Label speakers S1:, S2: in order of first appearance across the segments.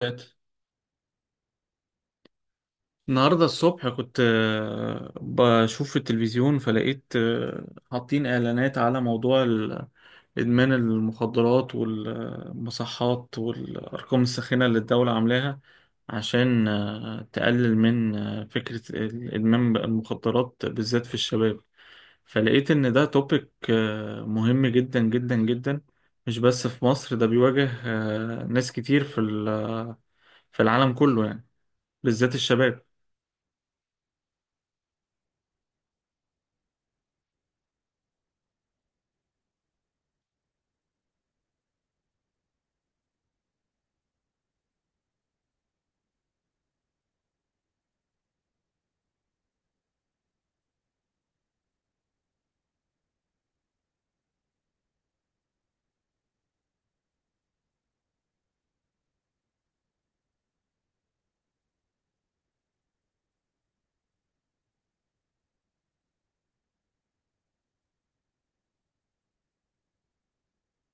S1: فات النهاردة الصبح كنت بشوف في التلفزيون فلقيت حاطين إعلانات على موضوع إدمان المخدرات والمصحات والأرقام الساخنة اللي الدولة عاملاها عشان تقلل من فكرة إدمان المخدرات بالذات في الشباب. فلقيت إن ده توبيك مهم جدا جدا جدا، مش بس في مصر، ده بيواجه ناس كتير في العالم كله يعني، بالذات الشباب.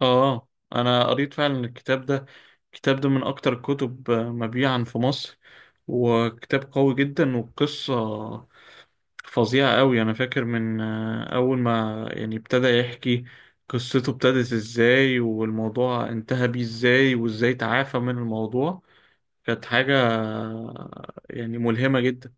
S1: اه، انا قريت فعلا الكتاب ده. الكتاب ده من اكتر الكتب مبيعا في مصر، وكتاب قوي جدا، وقصة فظيعة قوي. انا فاكر من اول ما يعني ابتدى يحكي قصته، ابتدت ازاي والموضوع انتهى بيه ازاي وازاي تعافى من الموضوع. كانت حاجة يعني ملهمة جدا.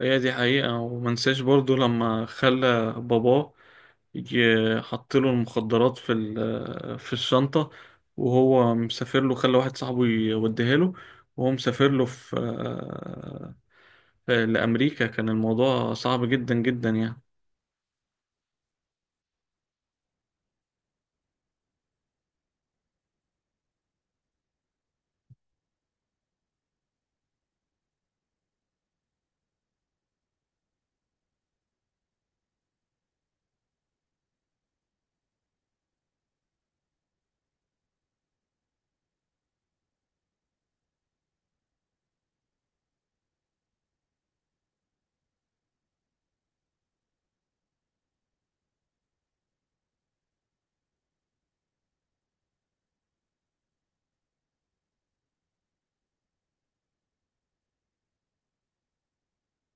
S1: هي دي حقيقة، ومنساش برضو لما خلى باباه يجي، حطله المخدرات في الشنطة وهو مسافر له، خلى واحد صاحبه يوديها له وهو مسافر له في لأمريكا. كان الموضوع صعب جدا جدا يعني.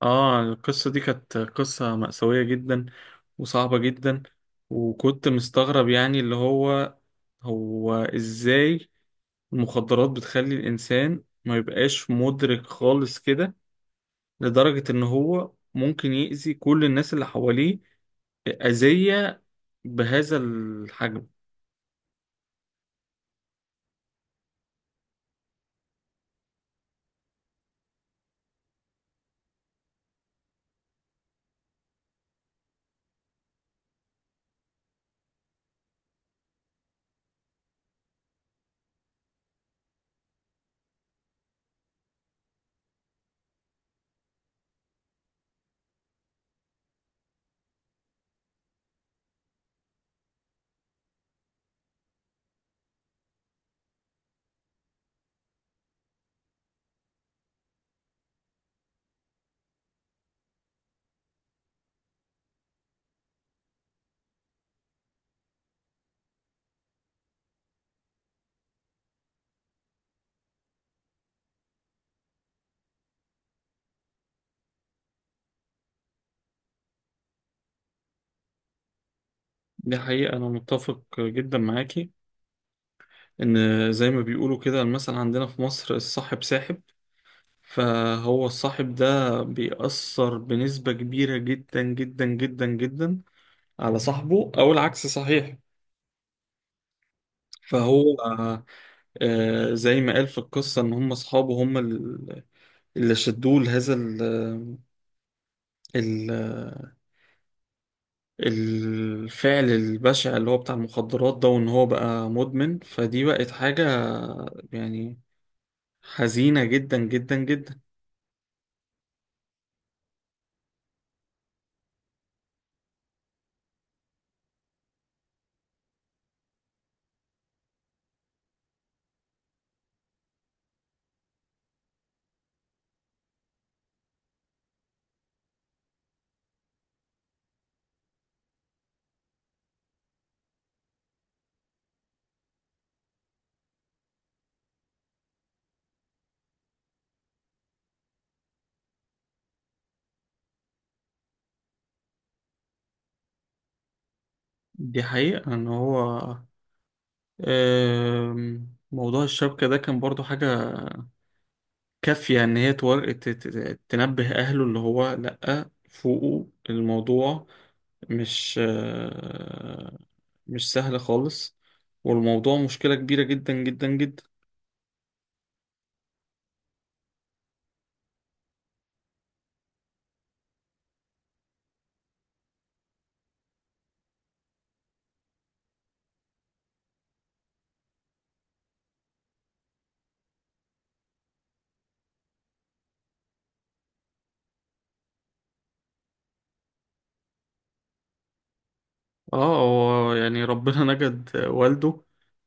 S1: اه، القصة دي كانت قصة مأساوية جدا وصعبة جدا. وكنت مستغرب يعني اللي هو ازاي المخدرات بتخلي الإنسان ما يبقاش مدرك خالص كده، لدرجة إن هو ممكن يأذي كل الناس اللي حواليه أذية بهذا الحجم. دي حقيقة، أنا متفق جدا معاكي. إن زي ما بيقولوا كده، المثل عندنا في مصر: الصاحب ساحب. فهو الصاحب ده بيأثر بنسبة كبيرة جدا جدا جدا جدا على صاحبه، أو العكس صحيح. فهو زي ما قال في القصة إن هم أصحابه هم اللي شدوه لهذا ال- الفعل البشع اللي هو بتاع المخدرات ده، وان هو بقى مدمن. فدي بقت حاجة يعني حزينة جدا جدا جدا. دي حقيقة ان هو، موضوع الشبكة ده كان برضو حاجة كافية ان هي تنبه اهله اللي هو لأ، فوقه الموضوع مش مش سهل خالص، والموضوع مشكلة كبيرة جدا جدا جدا. اه، هو يعني ربنا نجد والده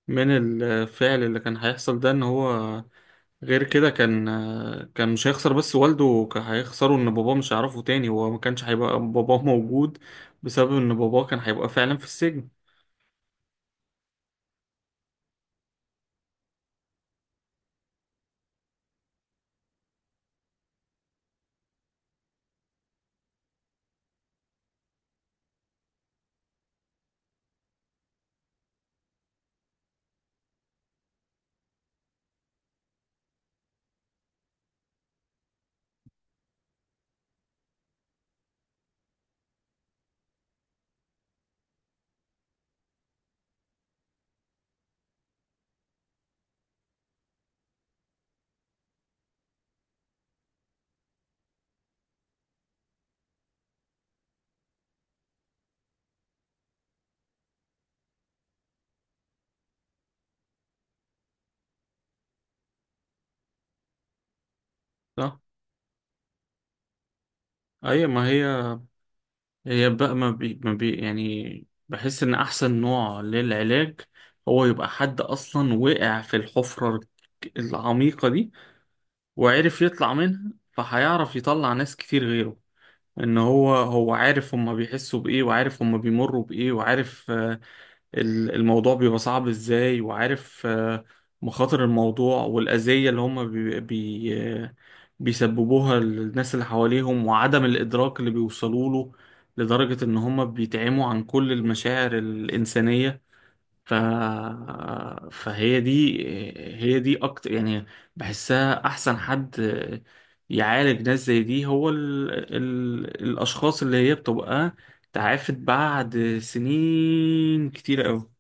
S1: من الفعل اللي كان هيحصل ده، ان هو غير كده كان مش هيخسر بس والده، كان هيخسره ان باباه مش هيعرفه تاني، هو ما كانش هيبقى باباه موجود بسبب ان باباه كان هيبقى فعلا في السجن. صح. ايوه، ما هي هي بقى ما بي ما بي يعني بحس ان احسن نوع للعلاج هو يبقى حد اصلا وقع في الحفرة العميقة دي وعرف يطلع منها، فهيعرف يطلع ناس كتير غيره. ان هو عارف هما بيحسوا بايه، وعارف هما بيمروا بايه، وعارف الموضوع بيبقى صعب ازاي، وعارف مخاطر الموضوع، والاذية اللي هما بي بي آه، بيسببوها للناس اللي حواليهم، وعدم الادراك اللي بيوصلوا له لدرجة ان هما بيتعموا عن كل المشاعر الانسانية. ف... فهي دي هي دي اكتر يعني بحسها احسن حد يعالج ناس زي دي، هو الاشخاص اللي هي بتبقى تعافت بعد سنين كتير قوي.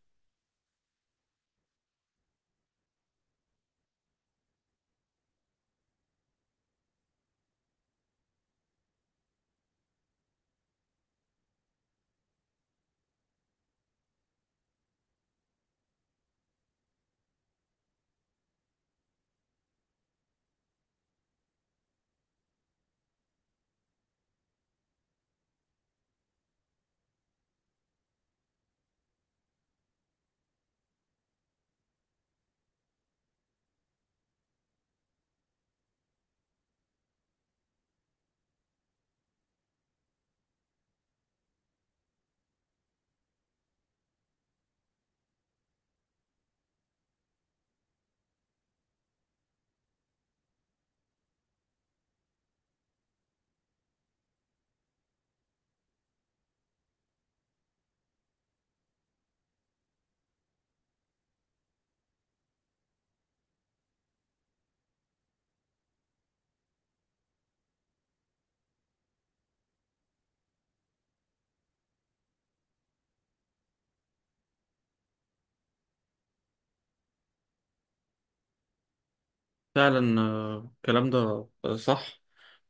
S1: فعلا الكلام ده صح.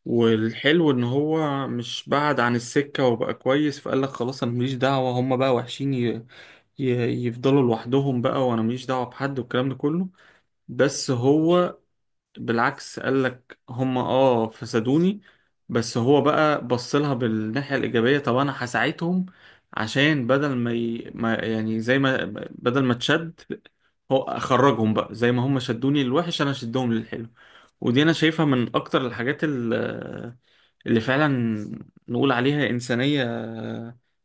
S1: والحلو ان هو مش بعد عن السكة وبقى كويس فقال لك: خلاص انا ماليش دعوة، هما بقى وحشين ي... يفضلوا لوحدهم بقى وانا ماليش دعوة بحد والكلام ده كله. بس هو بالعكس قال لك: هم اه فسدوني، بس هو بقى بص لها بالناحية الإيجابية، طب أنا هساعدهم. عشان بدل ما، ي... ما يعني زي ما بدل ما تشد، هو أخرجهم بقى. زي ما هم شدوني للوحش، أنا شدهم للحلو. ودي أنا شايفها من أكتر الحاجات اللي فعلا نقول عليها إنسانية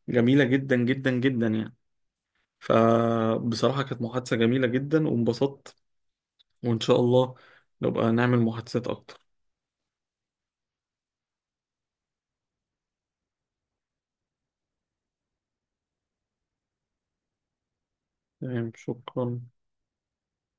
S1: جميلة جدا جدا جدا يعني. فبصراحة كانت محادثة جميلة جدا وانبسطت، وإن شاء الله نبقى نعمل محادثات أكتر. تمام، شكرا.